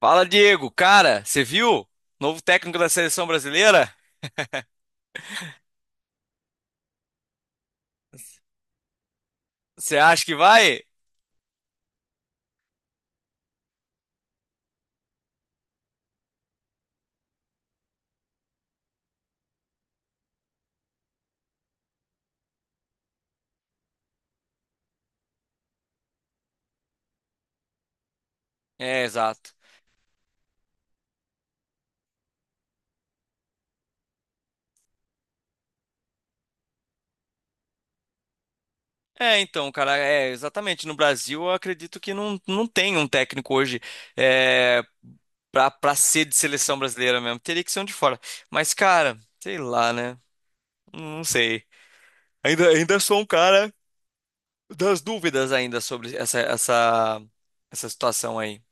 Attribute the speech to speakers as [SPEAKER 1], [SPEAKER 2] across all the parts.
[SPEAKER 1] Fala, Diego. Cara, você viu? Novo técnico da seleção brasileira? Você acha que vai? É, exato. É, então, cara, é exatamente. No Brasil, eu acredito que não tem um técnico hoje é, pra ser de seleção brasileira mesmo. Teria que ser um de fora. Mas, cara, sei lá, né? Não sei. Ainda sou um cara das dúvidas ainda sobre essa situação aí.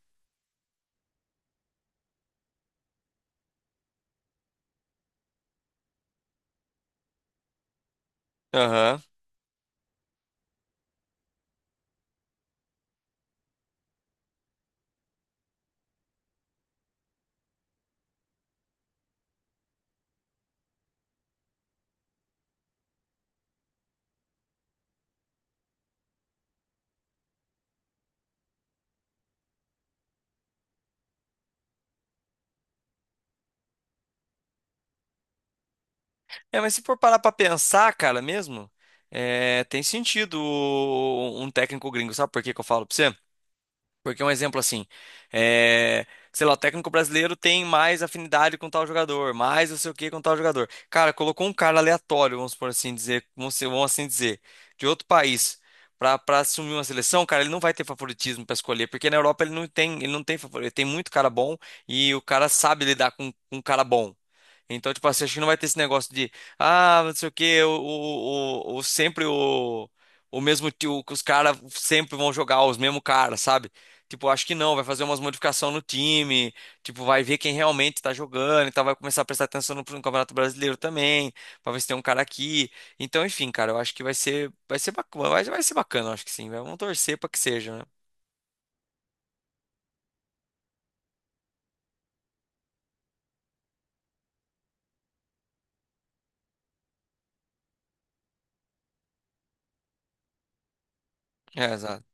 [SPEAKER 1] Aham. É, mas se for parar pra pensar, cara, mesmo, tem sentido um técnico gringo, sabe por que que eu falo pra você? Porque um exemplo assim, é, sei lá, o técnico brasileiro tem mais afinidade com tal jogador, mais não sei o que com tal jogador. Cara, colocou um cara aleatório, vamos por assim dizer, vamos, vamos assim dizer, de outro país, pra assumir uma seleção, cara, ele não vai ter favoritismo pra escolher, porque na Europa ele não tem favorito, ele tem muito cara bom e o cara sabe lidar com, um cara bom. Então, tipo assim, acho que não vai ter esse negócio de, ah, não sei o quê, sempre o mesmo tio, que os caras sempre vão jogar os mesmos caras, sabe? Tipo, acho que não, vai fazer umas modificações no time, tipo, vai ver quem realmente tá jogando, então vai começar a prestar atenção no Campeonato Brasileiro também, pra ver se tem um cara aqui. Então, enfim, cara, eu acho que vai ser bacana, vai ser bacana, eu acho que sim, vamos torcer pra que seja, né? É, exato.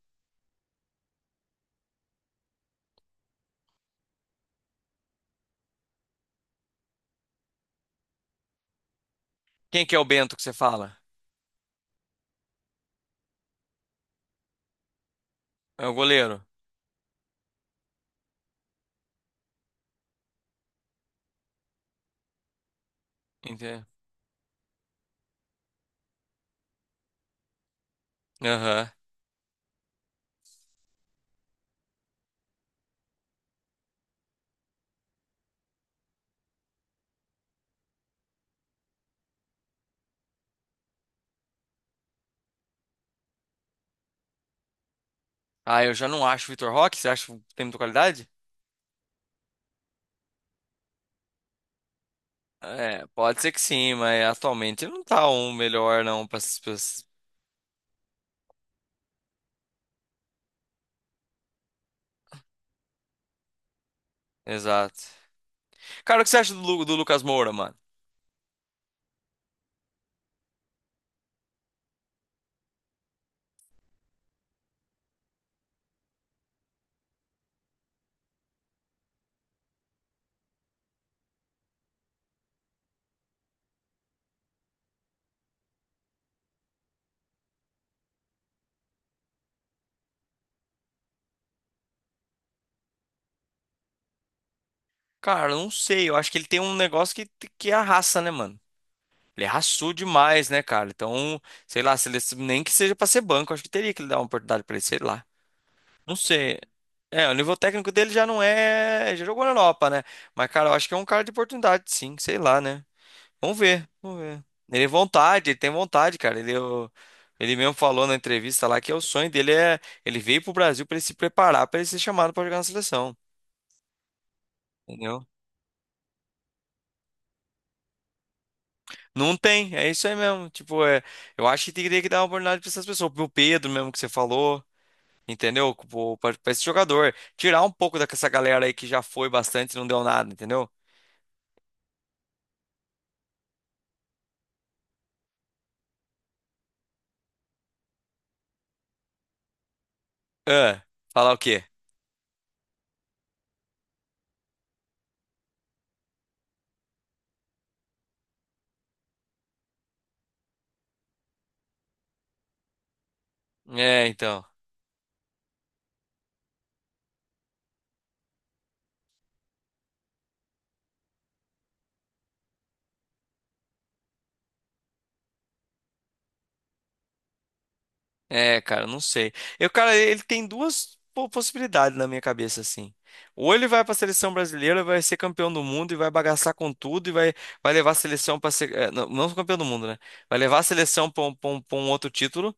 [SPEAKER 1] Quem que é o Bento que você fala? É o goleiro. Entendeu? Ah, eu já não acho o Vitor Roque. Você acha que tem muita qualidade? É, pode ser que sim, mas atualmente ele não tá um melhor, não. Pra... essas Exato. Cara, o que você acha do, do Lucas Moura, mano? Cara, eu não sei. Eu acho que ele tem um negócio que é a raça, né, mano? Ele é demais, né, cara? Então, sei lá, se ele, nem que seja pra ser banco, acho que teria que dar uma oportunidade pra ele, sei lá. Não sei. É, o nível técnico dele já não é. Já jogou na Europa, né? Mas, cara, eu acho que é um cara de oportunidade, sim, sei lá, né? Vamos ver, vamos ver. Ele tem vontade, cara. Ele mesmo falou na entrevista lá que é o sonho dele é ele veio pro Brasil pra ele se preparar pra ele ser chamado pra jogar na seleção, entendeu? Não tem, é isso aí mesmo. Tipo, é, eu acho que teria que dar uma oportunidade pra essas pessoas, pro Pedro mesmo que você falou, entendeu? Pra esse jogador, tirar um pouco dessa galera aí que já foi bastante e não deu nada, entendeu? Ah, falar o quê? É, então. É, cara, não sei. Eu, cara, ele tem duas possibilidades na minha cabeça, assim. Ou ele vai pra seleção brasileira, vai ser campeão do mundo e vai bagaçar com tudo e vai, vai levar a seleção pra ser. Não, não campeão do mundo, né? Vai levar a seleção pra um outro título.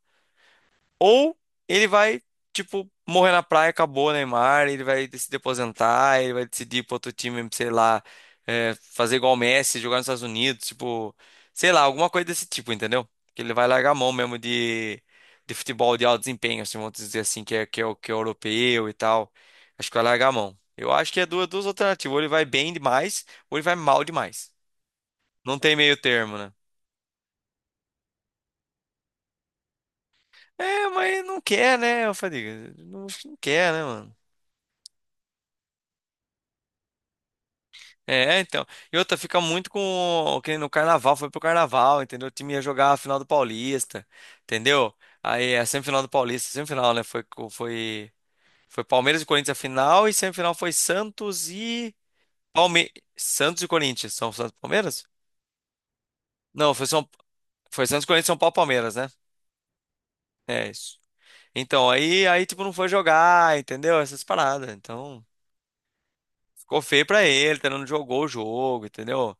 [SPEAKER 1] Ou ele vai, tipo, morrer na praia, acabou o Neymar, ele vai decidir aposentar, ele vai decidir ir pra outro time, sei lá, fazer igual o Messi, jogar nos Estados Unidos, tipo, sei lá, alguma coisa desse tipo, entendeu? Que ele vai largar a mão mesmo de futebol de alto desempenho, assim, vamos dizer assim, que é europeu e tal. Acho que vai largar a mão. Eu acho que é duas alternativas, ou ele vai bem demais, ou ele vai mal demais. Não tem meio termo, né? É, mas não quer, né, Fadiga? Não, acho que não quer, né, mano? É, então. E outra, fica muito com. Que nem no carnaval, foi pro carnaval, entendeu? O time ia jogar a final do Paulista, entendeu? Aí a semifinal do Paulista, semifinal, né? Foi Palmeiras e Corinthians a final, e semifinal foi Santos e. Palme... Santos e Corinthians. São Santos e Palmeiras? Não, foi, São... foi Santos, Corinthians São Paulo e Palmeiras, né? É isso. Então, aí, tipo, não foi jogar, entendeu? Essas paradas. Então. Ficou feio pra ele, tá? Não jogou o jogo, entendeu?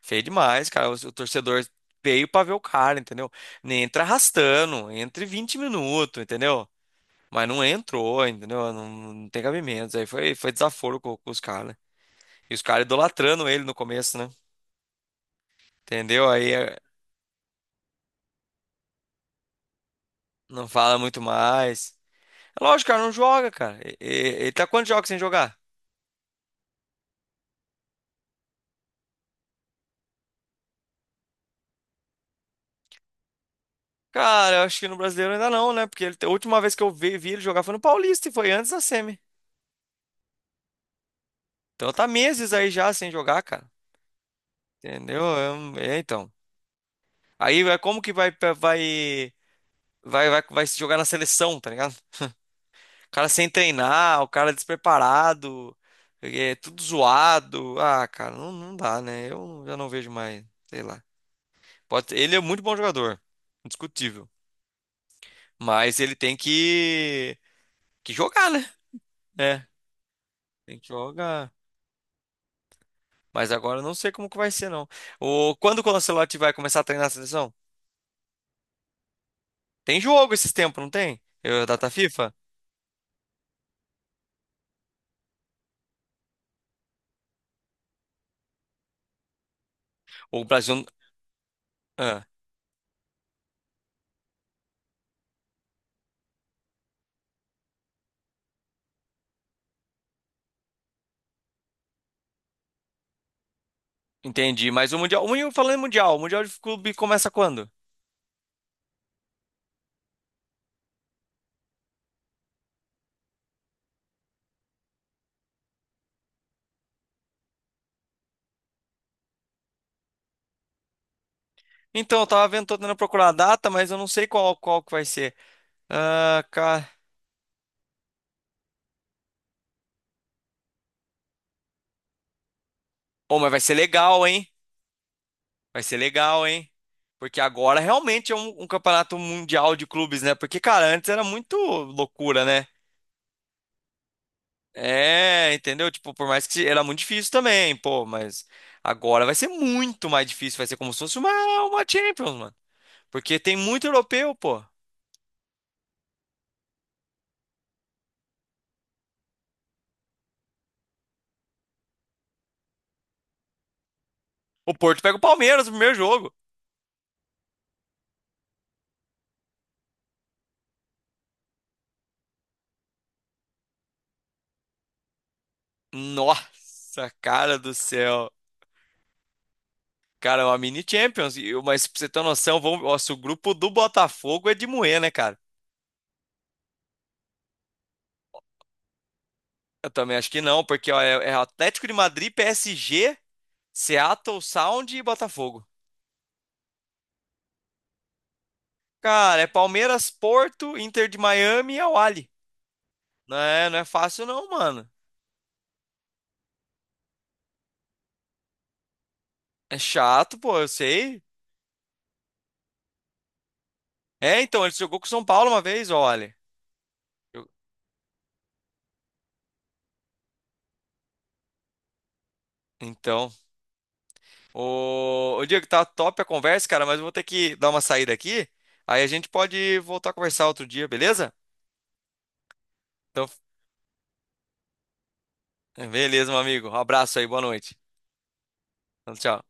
[SPEAKER 1] Feio demais, cara. O torcedor veio pra ver o cara, entendeu? Nem entra arrastando, entre 20 minutos, entendeu? Mas não entrou, entendeu? Não tem cabimento. Aí foi desaforo com os caras. E os caras idolatrando ele no começo, né? Entendeu? Aí é, não fala muito mais. É lógico, cara, não joga, cara. Ele tá quantos jogos sem jogar? Cara, eu acho que no brasileiro ainda não, né? Porque a última vez que eu vi ele jogar foi no Paulista e foi antes da semi. Então tá meses aí já sem jogar, cara. Entendeu? É, então. Aí é como que vai se jogar na seleção, tá ligado? O cara sem treinar, o cara despreparado, é tudo zoado. Ah, cara, não dá, né? Eu já não vejo mais, sei lá. Pode, ele é muito bom jogador, indiscutível. Mas ele tem que jogar, né? É, tem que jogar. Mas agora eu não sei como que vai ser, não. O, quando o Ancelotti vai começar a treinar a seleção? Tem jogo esses tempos, não tem? Eu, data FIFA? O Brasil. Ah, entendi. Falando em Mundial, o Mundial de Clube começa quando? Então, eu tava vendo, tô tentando procurar a data, mas eu não sei qual que vai ser. Ah, cara. Oh, mas vai ser legal, hein? Vai ser legal, hein? Porque agora realmente é um campeonato mundial de clubes, né? Porque, cara, antes era muito loucura, né? É, entendeu? Tipo, por mais que era muito difícil também, pô, mas agora vai ser muito mais difícil. Vai ser como se fosse uma Champions, mano. Porque tem muito europeu, pô. O Porto pega o Palmeiras no primeiro jogo. Nossa, cara do céu. Cara, é uma mini Champions. Mas pra você ter noção, vamos... Nossa, o grupo do Botafogo é de moer, né, cara? Eu também acho que não, porque ó, é Atlético de Madrid, PSG, Seattle Sound e Botafogo. Cara, é Palmeiras, Porto, Inter de Miami e Al Ahly. Não é fácil não, mano. É chato, pô, eu sei. É, então, ele jogou com o São Paulo uma vez, olha. Eu- Então. Ô, ô Diego, tá top a conversa, cara, mas eu vou ter que dar uma saída aqui. Aí a gente pode voltar a conversar outro dia, beleza? Então, beleza, meu amigo. Um abraço aí, boa noite. Tchau. Tchau.